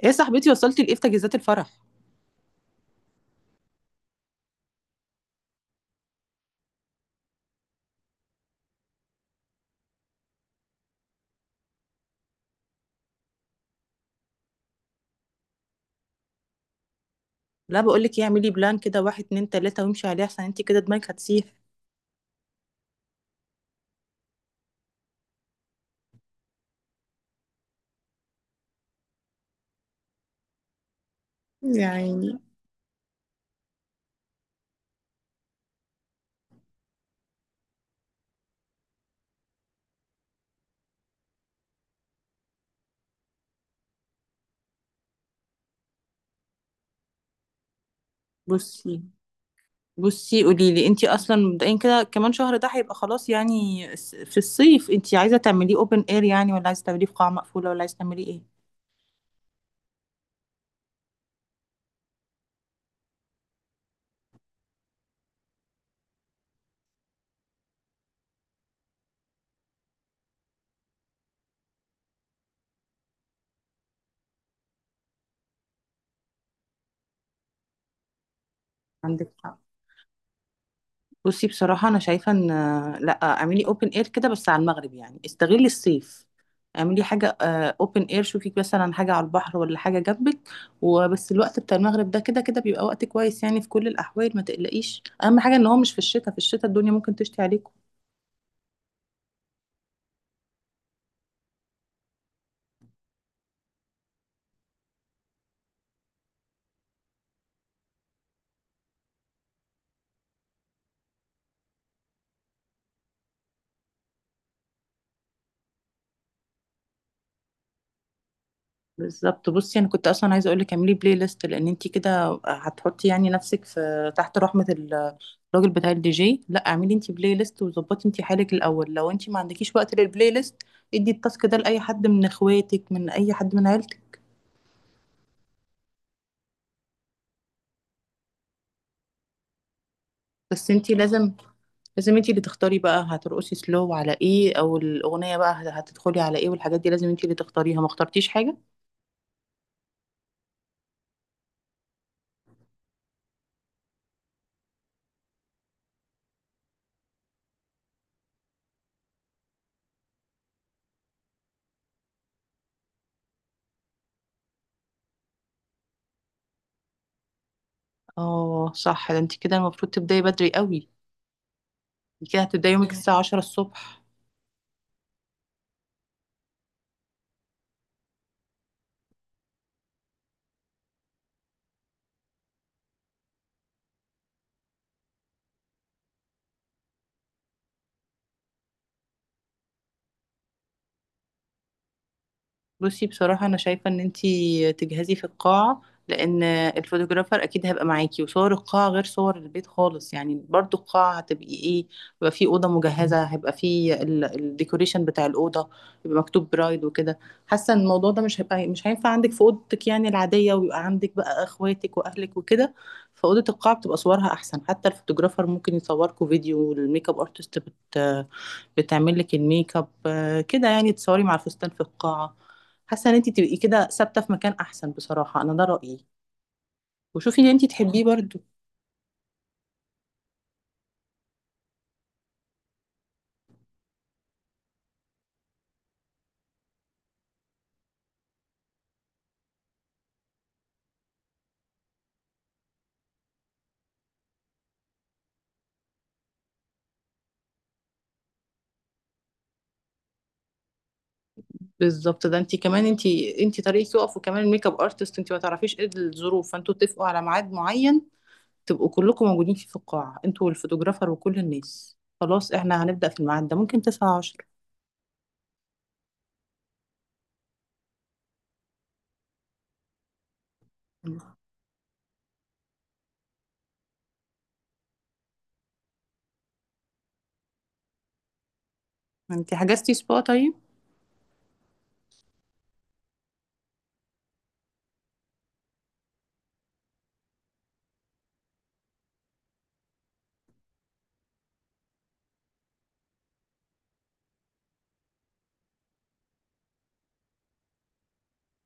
ايه يا صاحبتي، وصلتي لايه في تجهيزات الفرح؟ لا، بقول لك ايه، اعملي بلان كده واحد اتنين تلاته وامشي عليه، احسن انت كده دماغك هتسيح. يا عيني. بصي بصي، قولي لي انت اصلا مبدئيا كده، كمان شهر ده هيبقى خلاص يعني في الصيف انت عايزه تعمليه اوبن اير يعني، ولا عايزه تعمليه في قاعه مقفوله، ولا عايزه تعمليه ايه؟ عندك حق. بصي، بصراحة أنا شايفة إن، لأ اعملي أوبن إير كده بس على المغرب، يعني استغلي الصيف، اعملي حاجة أوبن إير، شوفي مثلا حاجة على البحر ولا حاجة جنبك، وبس الوقت بتاع المغرب ده كده كده بيبقى وقت كويس يعني في كل الأحوال، ما تقلقيش، أهم حاجة إن هو مش في الشتاء، في الشتاء الدنيا ممكن تشتي عليكم. بالظبط، بصي انا كنت اصلا عايزه اقول لك اعملي بلاي ليست، لان انت كده هتحطي يعني نفسك في تحت رحمه الراجل بتاع الدي جي، لا اعملي انت بلاي ليست وظبطي انت حالك الاول، لو انت ما عندكيش وقت للبلاي ليست ادي التاسك ده لاي حد من اخواتك، من اي حد من عيلتك. بس انت لازم انت اللي تختاري بقى هترقصي سلو على ايه، او الاغنيه بقى هتدخلي على ايه، والحاجات دي لازم انت اللي تختاريها، ما اخترتيش حاجه. اه صح، ده انت كده المفروض تبداي بدري قوي، انت كده هتبداي يومك الساعه 10 الصبح. بصي، بصراحة أنا شايفة إن أنتي تجهزي في القاعة، لأن الفوتوغرافر أكيد هيبقى معاكي، وصور القاعة غير صور البيت خالص يعني، برضو القاعة هتبقي إيه، يبقى في أوضة مجهزة، هيبقى في الديكوريشن بتاع الأوضة، يبقى مكتوب برايد وكده. حاسة إن الموضوع ده مش هيبقى، مش هينفع عندك في أوضتك يعني العادية ويبقى عندك بقى إخواتك وأهلك وكده، فأوضة القاعة بتبقى صورها أحسن، حتى الفوتوغرافر ممكن يصوركوا فيديو، والميك اب أرتست بتعمل لك الميك اب آه، كده، يعني تصوري مع الفستان في القاعة. حاسه ان انت تبقي كده ثابته في مكان احسن، بصراحه انا ده رايي، وشوفي ان انت تحبيه برضو. بالظبط، ده انت كمان انت طريقك يقف، وكمان الميك اب ارتست انت ما تعرفيش ايه الظروف، فانتوا اتفقوا على ميعاد معين تبقوا كلكم موجودين فيه في القاعه انتوا والفوتوغرافر وكل الناس، خلاص احنا هنبدا في الميعاد ده، ممكن 9 10. انت حجزتي سبا طيب؟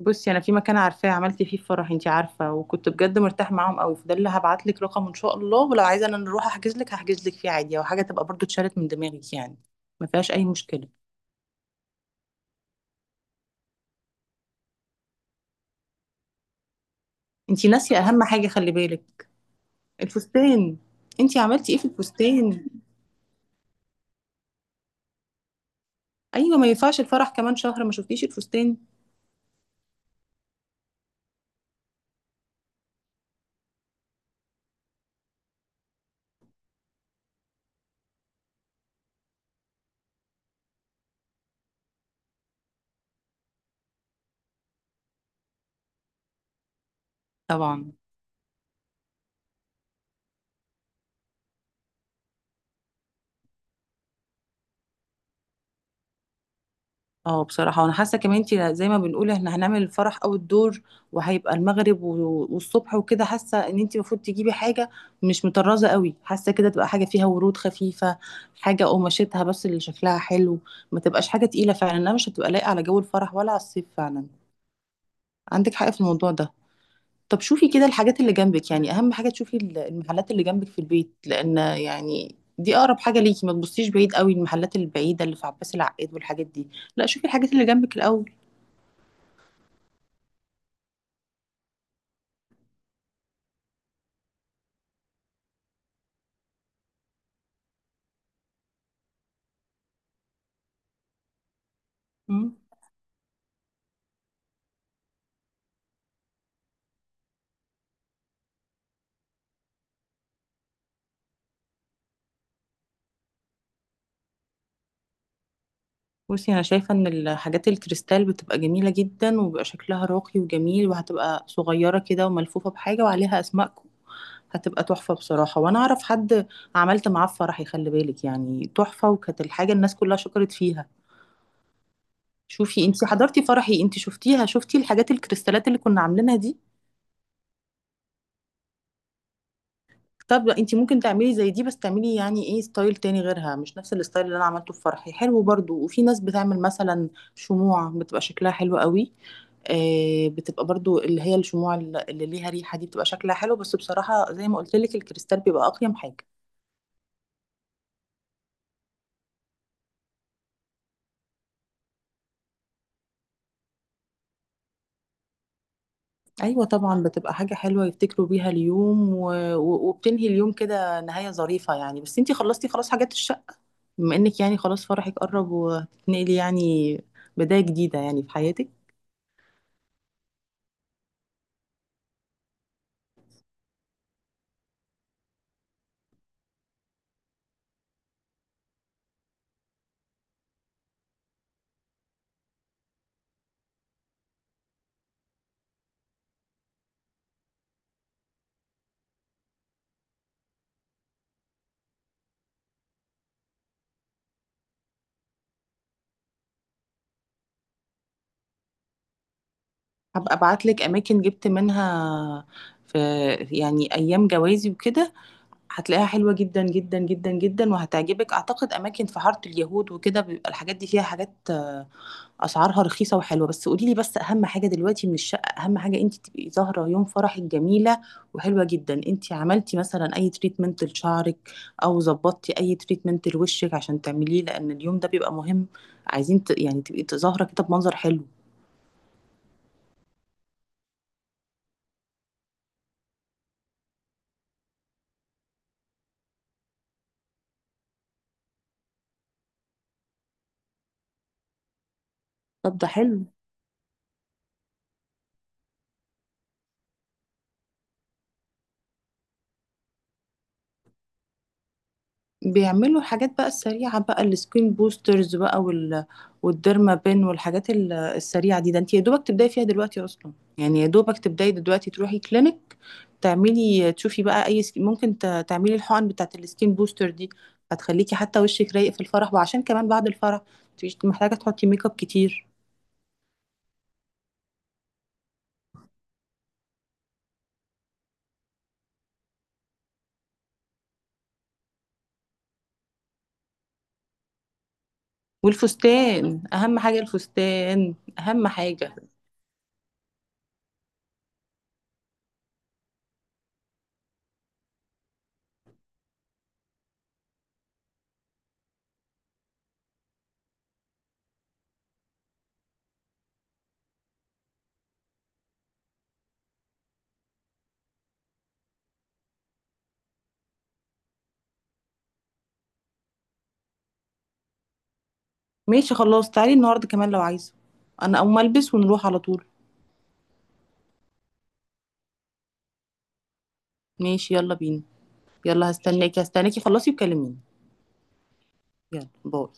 بصي انا في مكان عارفاه، عملت فيه فرح انتي عارفه، وكنت بجد مرتاح معاهم قوي، فده اللي هبعت لك رقم ان شاء الله، ولو عايزه انا نروح احجز لك هحجز لك فيه عادي، او حاجه تبقى برضو اتشالت من دماغك يعني، ما فيهاش اي مشكله. انتي ناسيه اهم حاجه، خلي بالك. الفستان، انتي عملتي ايه في الفستان؟ ايوه، ما ينفعش الفرح كمان شهر ما شفتيش الفستان. طبعا. اه بصراحة، وانا حاسة كمان انت زي ما بنقول احنا هنعمل الفرح او الدور، وهيبقى المغرب والصبح وكده، حاسة ان انت المفروض تجيبي حاجة مش مطرزة قوي، حاسة كده تبقى حاجة فيها ورود خفيفة، حاجة قماشتها بس اللي شكلها حلو، ما تبقاش حاجة تقيلة فعلا، انها مش هتبقى لايقة على جو الفرح ولا على الصيف فعلا. عندك حق في الموضوع ده. طب شوفي كده الحاجات اللي جنبك، يعني اهم حاجة تشوفي المحلات اللي جنبك في البيت، لان يعني دي اقرب حاجة ليكي، ما تبصيش بعيد قوي المحلات البعيدة اللي في عباس العقاد والحاجات دي. لا شوفي الحاجات اللي جنبك الاول. مم. بصي انا شايفه ان الحاجات الكريستال بتبقى جميله جدا، وبيبقى شكلها راقي وجميل، وهتبقى صغيره كده وملفوفه بحاجه وعليها اسمائكم، هتبقى تحفه بصراحه، وانا اعرف حد عملت معاه فرحي، خلي بالك يعني تحفه، وكانت الحاجه الناس كلها شكرت فيها. شوفي انت حضرتي فرحي، انت شفتيها، شفتي الحاجات الكريستالات اللي كنا عاملينها دي. طب انت ممكن تعملي زي دي، بس تعملي يعني ايه ستايل تاني غيرها، مش نفس الستايل اللي انا عملته في فرحي. حلو برضو، وفي ناس بتعمل مثلا شموع بتبقى شكلها حلو قوي، آه بتبقى برضو اللي هي الشموع اللي ليها ريحة دي بتبقى شكلها حلو، بس بصراحة زي ما قلت لك الكريستال بيبقى اقيم حاجة. ايوه طبعا، بتبقى حاجة حلوة يفتكروا بيها اليوم، وبتنهي اليوم كده نهاية ظريفة يعني. بس انت خلصتي خلاص حاجات الشقة؟ بما انك يعني خلاص فرحك قرب وهتتنقلي يعني، بداية جديدة يعني في حياتك. هبقى ابعت لك اماكن جبت منها في، يعني ايام جوازي وكده، هتلاقيها حلوه جدا جدا جدا جدا، وهتعجبك اعتقد، اماكن في حاره اليهود وكده، بيبقى الحاجات دي فيها حاجات اسعارها رخيصه وحلوه. بس قولي لي، بس اهم حاجه دلوقتي من الشقه، اهم حاجه انت تبقي ظاهره يوم فرحك جميله وحلوه جدا. انت عملتي مثلا اي تريتمنت لشعرك، او ظبطتي اي تريتمنت لوشك عشان تعمليه، لان اليوم ده بيبقى مهم، عايزين يعني تبقي ظاهره كده بمنظر حلو. طب ده حلو. بيعملوا الحاجات بقى السريعة بقى، السكين بوسترز بقى والديرما بين والحاجات السريعة دي، ده انت يا دوبك تبداي فيها دلوقتي اصلا، يعني يا دوبك تبداي دلوقتي تروحي كلينك تعملي، تشوفي بقى اي ممكن تعملي الحقن بتاعت السكين بوستر دي، هتخليكي حتى وشك رايق في الفرح، وعشان كمان بعد الفرح مش محتاجة تحطي ميك اب كتير. والفستان اهم حاجة، الفستان اهم حاجة. ماشي خلاص، تعالي النهاردة كمان لو عايزة، انا اقوم البس ونروح على طول. ماشي، يلا بينا. يلا هستناكي هستناكي، خلصي وكلميني. يلا باي.